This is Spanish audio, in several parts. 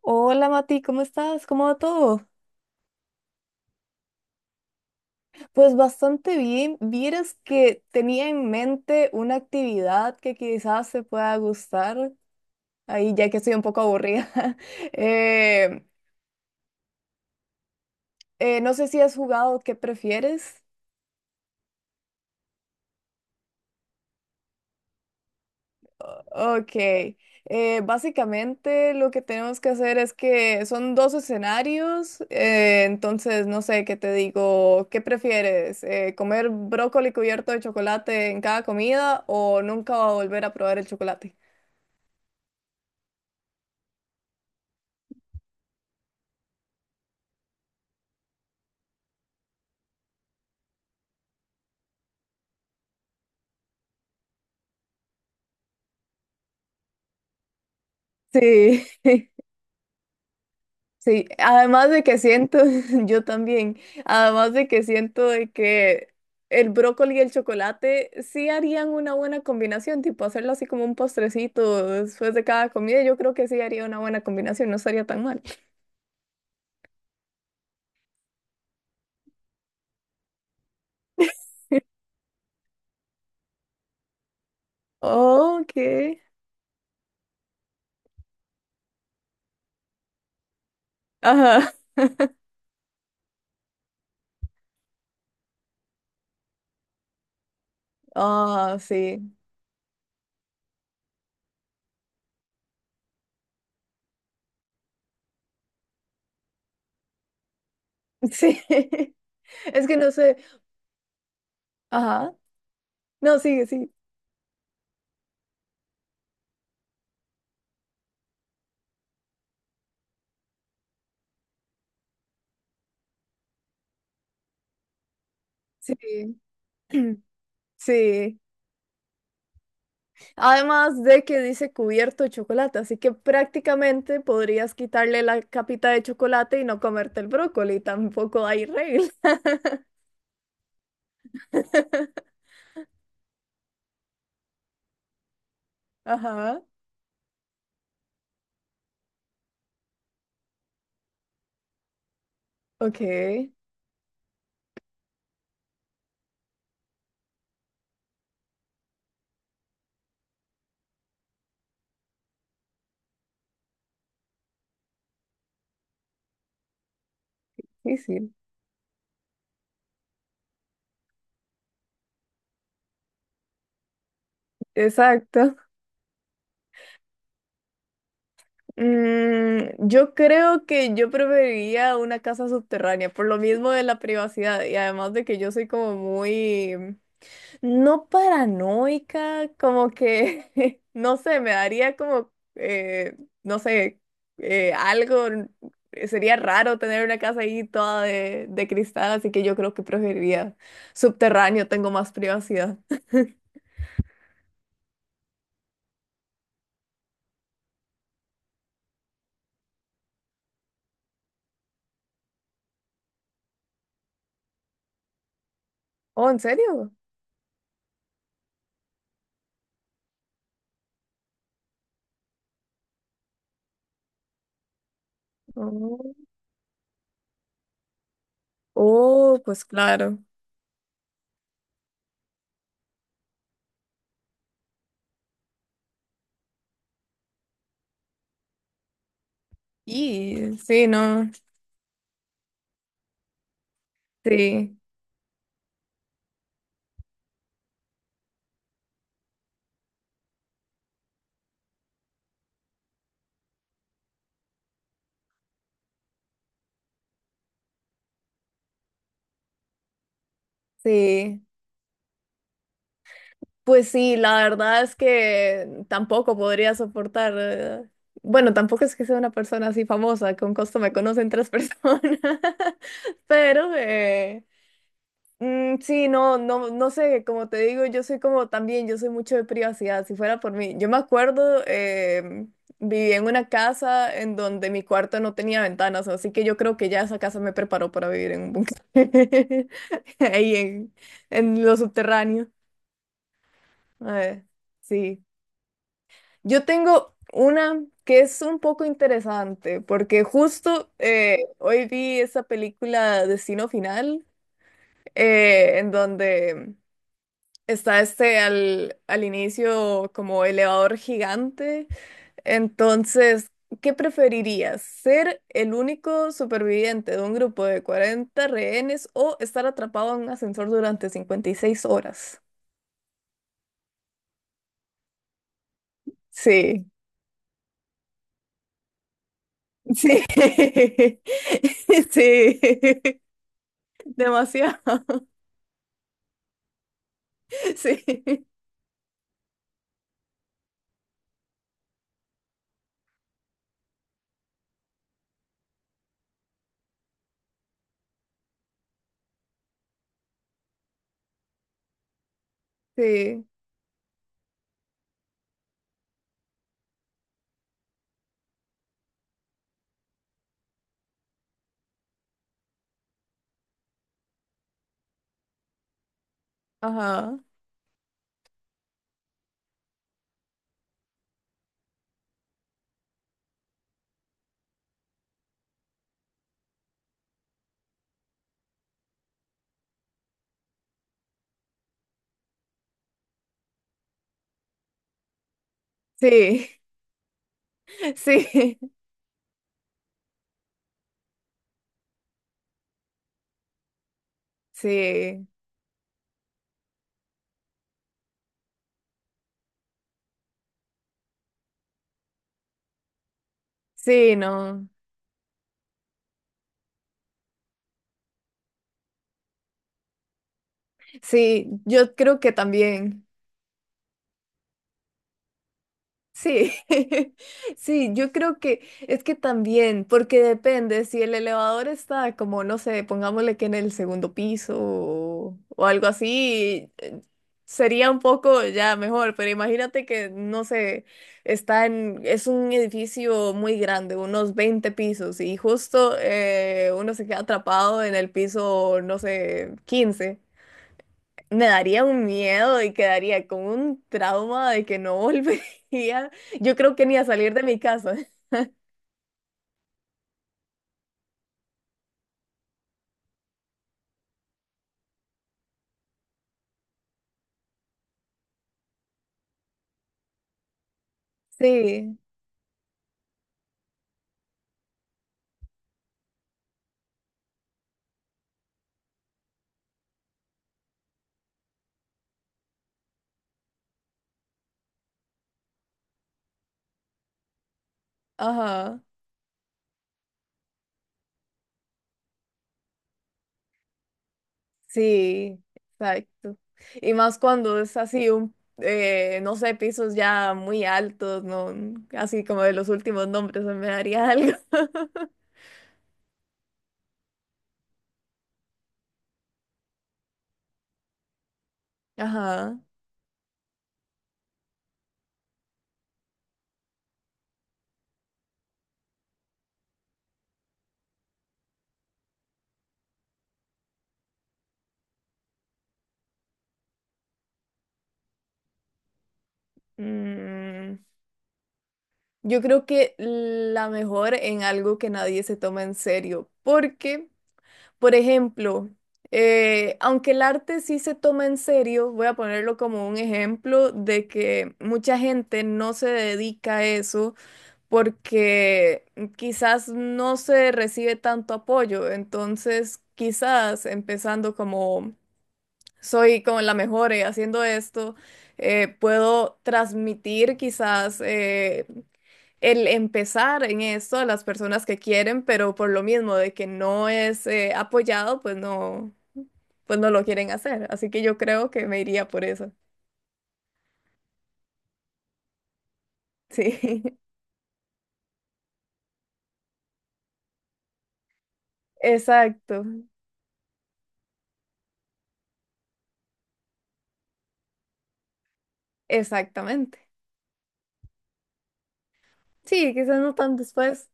Hola Mati, ¿cómo estás? ¿Cómo va todo? Pues bastante bien. Vieras que tenía en mente una actividad que quizás te pueda gustar, ahí ya que estoy un poco aburrida. Eh, no sé si has jugado ¿Qué prefieres? Ok, básicamente lo que tenemos que hacer es que son dos escenarios, entonces no sé qué te digo, ¿qué prefieres? ¿Comer brócoli cubierto de chocolate en cada comida o nunca volver a probar el chocolate? Sí. Sí, además de que siento, yo también, además de que siento de que el brócoli y el chocolate sí harían una buena combinación, tipo hacerlo así como un postrecito después de cada comida, yo creo que sí haría una buena combinación, no estaría tan mal. Ok. Ajá. Ah, sí. Sí. Es que no sé. Ajá. No, sigue, sí. Sí. Sí. Además de que dice cubierto de chocolate, así que prácticamente podrías quitarle la capita de chocolate y no comerte el brócoli, tampoco hay regla. Ajá, ok, sí, sí, exacto. Mm, yo creo que yo preferiría una casa subterránea, por lo mismo de la privacidad y además de que yo soy como muy no paranoica, como que, no sé, me daría como, no sé, algo, sería raro tener una casa ahí toda de cristal, así que yo creo que preferiría subterráneo, tengo más privacidad. Oh, ¿en serio? Oh, oh, pues claro. Y sí, no, sí, sí. Pues sí, la verdad es que tampoco podría soportar. Bueno, tampoco es que sea una persona así famosa, con costo me conocen 3 personas, pero mm, sí, no, no, no sé, como te digo, yo soy como también, yo soy mucho de privacidad, si fuera por mí. Yo me acuerdo, vivía en una casa en donde mi cuarto no tenía ventanas, así que yo creo que ya esa casa me preparó para vivir en un búnker, ahí en lo subterráneo. Eh, sí. Yo tengo una que es un poco interesante, porque justo hoy vi esa película Destino Final, en donde está este al inicio como elevador gigante. Entonces, ¿qué preferirías? ¿Ser el único superviviente de un grupo de 40 rehenes o estar atrapado en un ascensor durante 56 horas? Sí, sí, sí, demasiado. Sí, sí, ajá. Sí, sí, sí, sí, no. Sí, yo creo que también. Sí, sí, yo creo que es que también, porque depende, si el elevador está como, no sé, pongámosle que en el segundo piso o algo así, sería un poco ya mejor, pero imagínate que, no sé, está en, es un edificio muy grande, unos 20 pisos, y justo uno se queda atrapado en el piso, no sé, 15. Me daría un miedo y quedaría con un trauma de que no volvería. Yo creo que ni a salir de mi casa. Sí, ajá, sí, exacto. Y más cuando es así un, no sé, pisos ya muy altos, no, así como de los últimos nombres, me daría algo. Ajá. Mm, yo creo que la mejor en algo que nadie se toma en serio, porque por ejemplo, aunque el arte sí se toma en serio, voy a ponerlo como un ejemplo de que mucha gente no se dedica a eso porque quizás no se recibe tanto apoyo. Entonces, quizás empezando como soy como la mejor haciendo esto, puedo transmitir quizás el empezar en esto a las personas que quieren, pero por lo mismo de que no es apoyado, pues no lo quieren hacer. Así que yo creo que me iría por eso. Sí, exacto, exactamente. Sí, quizás no tan después.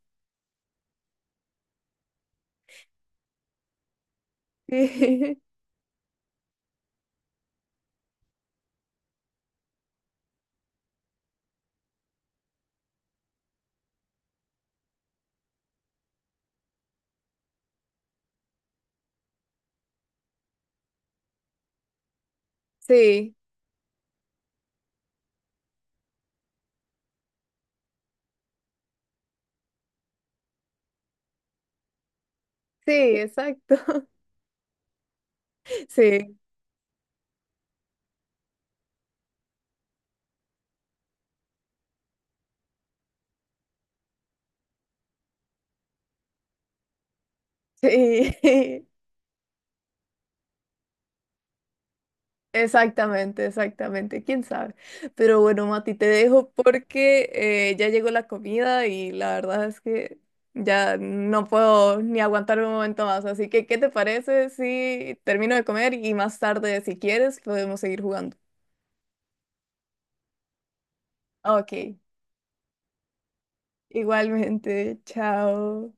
Sí, sí, sí, exacto. Sí, sí. Exactamente, exactamente, quién sabe. Pero bueno, Mati, te dejo porque ya llegó la comida y la verdad es que ya no puedo ni aguantar un momento más. Así que, ¿qué te parece si termino de comer y más tarde, si quieres, podemos seguir jugando? Ok, igualmente, chao.